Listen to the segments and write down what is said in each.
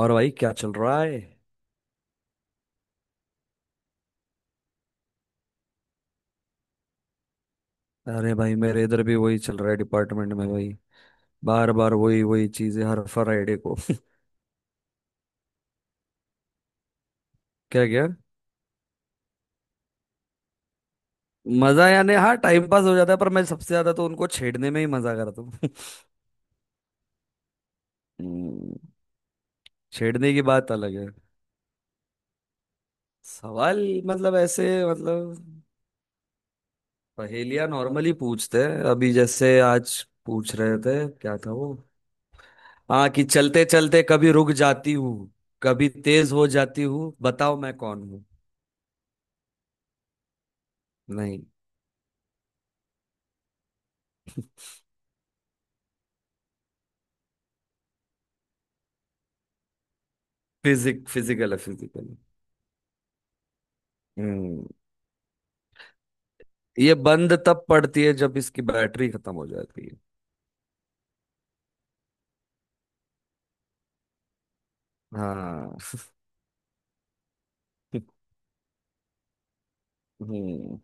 और भाई क्या चल रहा है। अरे भाई मेरे इधर भी वही चल रहा है डिपार्टमेंट में भाई। बार बार वही वही चीजें हर फ्राइडे को क्या क्या। मजा यानी हाँ टाइम पास हो जाता है, पर मैं सबसे ज्यादा तो उनको छेड़ने में ही मजा करता हूँ हम्म, छेड़ने की बात अलग है। सवाल मतलब ऐसे मतलब पहेलियां नॉर्मली पूछते हैं, अभी जैसे आज पूछ रहे थे क्या था वो। हाँ, कि चलते चलते कभी रुक जाती हूँ, कभी तेज हो जाती हूँ, बताओ मैं कौन हूँ। नहीं। फिजिकल है, फिजिकल है। हम्म। ये बंद तब पड़ती है जब इसकी बैटरी खत्म हो जाती है। हाँ। हम्म।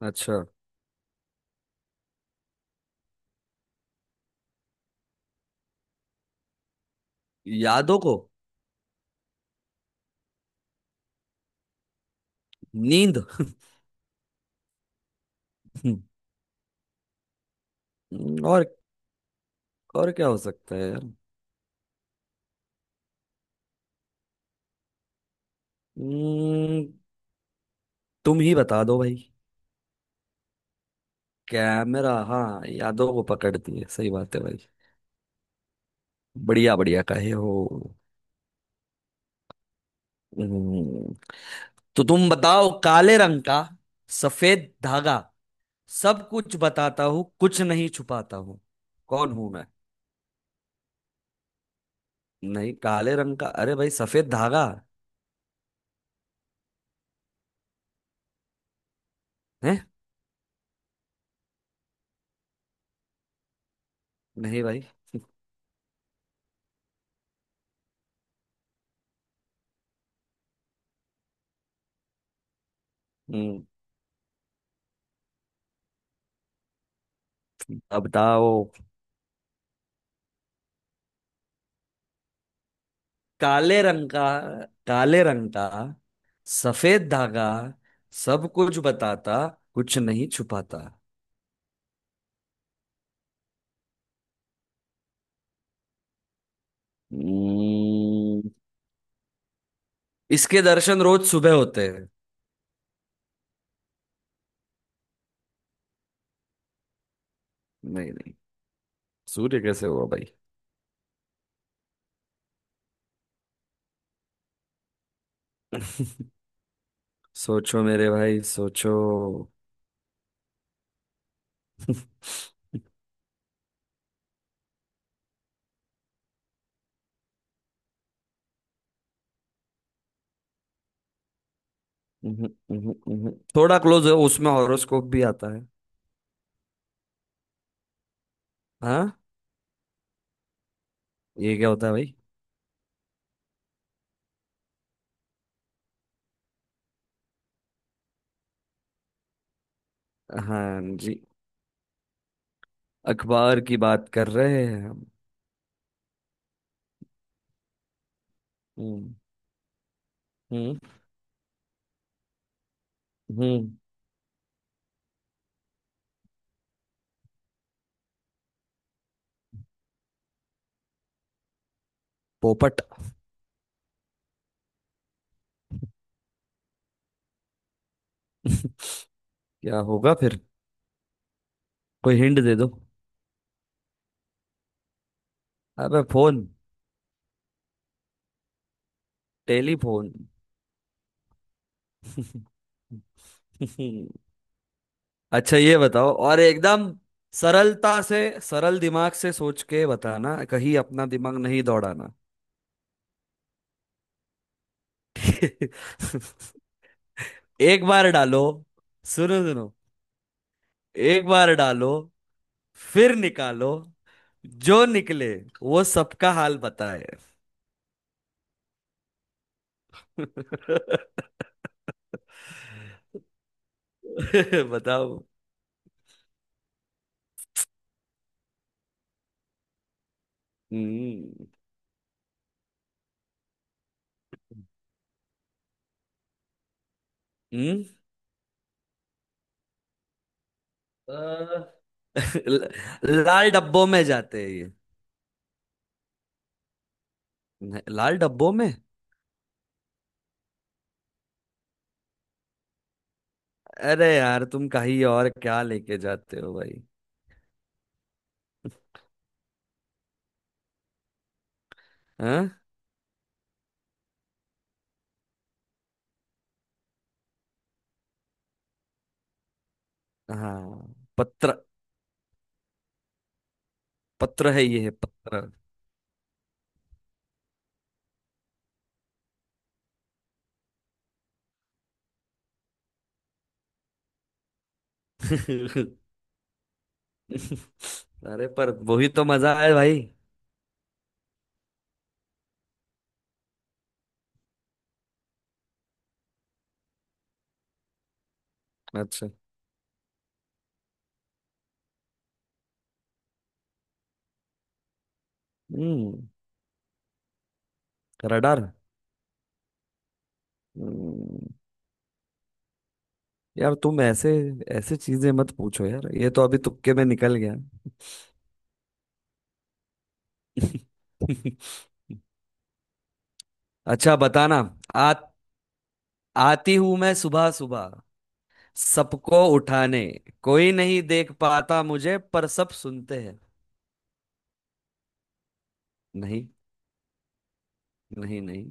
अच्छा। यादों को। नींद हम्म, और और क्या हो सकता है यार। हम्म, तुम ही बता दो भाई। कैमरा, हाँ यादों को पकड़ती है, सही बात है भाई। बढ़िया बढ़िया कहे हो। हम्म, तो तुम बताओ। काले रंग का सफेद धागा, सब कुछ बताता हूँ कुछ नहीं छुपाता हूँ, कौन हूं मैं। नहीं, काले रंग का, अरे भाई सफेद धागा है। नहीं भाई। हम्म, अब बताओ। काले रंग का, काले रंग का सफेद धागा, सब कुछ बताता, कुछ नहीं छुपाता। हम्म, इसके दर्शन रोज सुबह होते हैं। नहीं नहीं, सूर्य कैसे हुआ भाई। सोचो मेरे भाई सोचो। उहुं, उहुं, उहुं। थोड़ा क्लोज है, उसमें हॉरोस्कोप भी आता है। हाँ। ये क्या होता है भाई। हाँ जी, अखबार की बात कर रहे हैं हम। हम्म। हम्म। हम्म। पोपट क्या होगा फिर, कोई हिंट दे दो। अबे फोन। टेलीफोन अच्छा ये बताओ, और एकदम सरलता से, सरल दिमाग से सोच के बताना, कहीं अपना दिमाग नहीं दौड़ाना एक बार डालो, सुनो सुनो, एक बार डालो, फिर निकालो, जो निकले वो सबका हाल बताए बताओ। हम्म। हम्म। अ, ल- लाल डब्बों में जाते हैं ये। लाल डब्बों में। अरे यार तुम कहीं और क्या लेके जाते हो भाई। हाँ, हाँ पत्र। पत्र है, ये है पत्र अरे पर वही तो मजा है भाई। अच्छा। हम्म। रडार। हम्म। यार तुम ऐसे ऐसे चीजें मत पूछो यार, ये तो अभी तुक्के में निकल गया अच्छा बताना। आ, आती हूं मैं सुबह सुबह, सबको उठाने, कोई नहीं देख पाता मुझे पर सब सुनते हैं। नहीं। नहीं नहीं,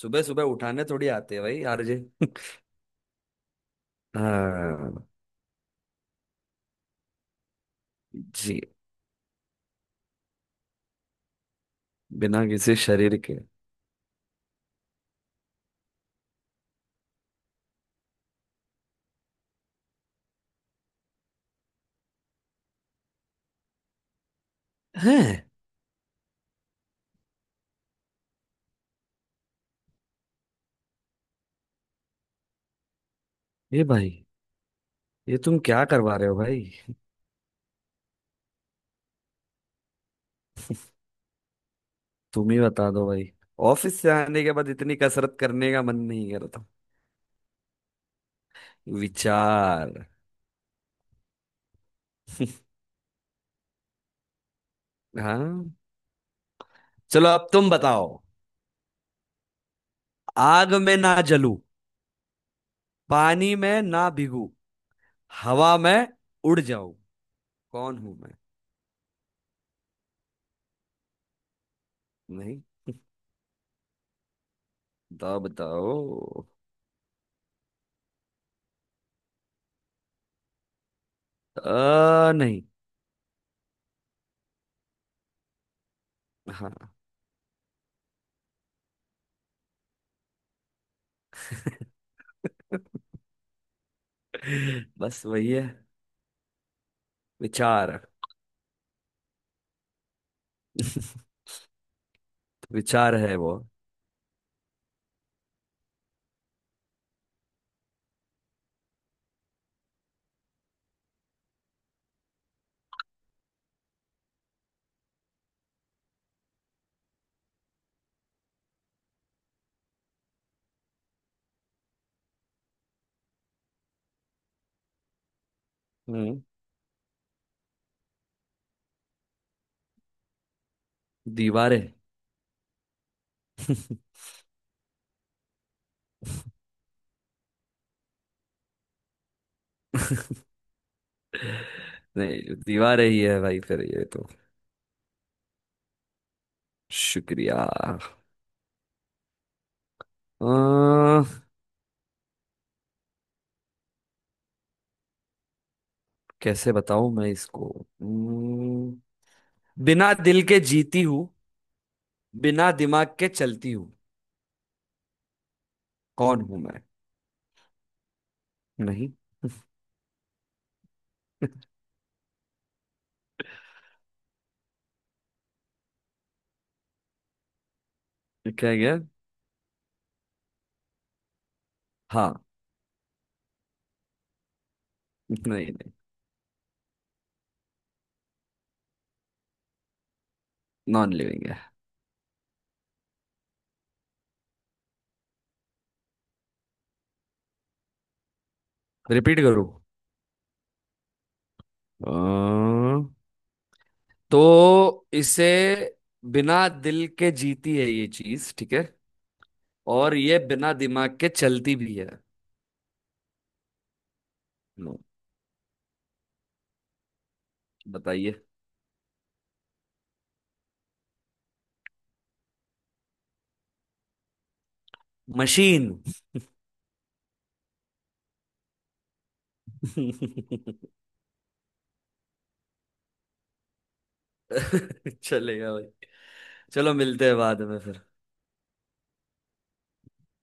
सुबह सुबह उठाने थोड़ी आते हैं भाई आरजे हाँ जी। बिना किसी शरीर के हैं। ये भाई, ये तुम क्या करवा रहे हो भाई। तुम ही बता दो भाई, ऑफिस से आने के बाद इतनी कसरत करने का मन नहीं। विचार। हाँ, चलो अब तुम बताओ। आग में ना जलूं, पानी में ना भीगू, हवा में उड़ जाऊं, कौन हूं मैं। नहीं, बताओ बताओ। नहीं। हाँ बस वही है, विचार विचार है वो। हम्म। दीवारें। नहीं, दीवारें ही है भाई फिर ये तो। शुक्रिया। कैसे बताऊं मैं इसको। हम्म, बिना दिल के जीती हूँ, बिना दिमाग के चलती हूँ, कौन हूं मैं। नहीं क्या गया। हाँ। नहीं नहीं। नॉन लिविंग है। रिपीट करूँ। अ, तो इसे, बिना दिल के जीती है ये चीज ठीक है, और ये बिना दिमाग के चलती भी है। लो, बताइए। मशीन चलेगा भाई, चलो मिलते हैं बाद में फिर।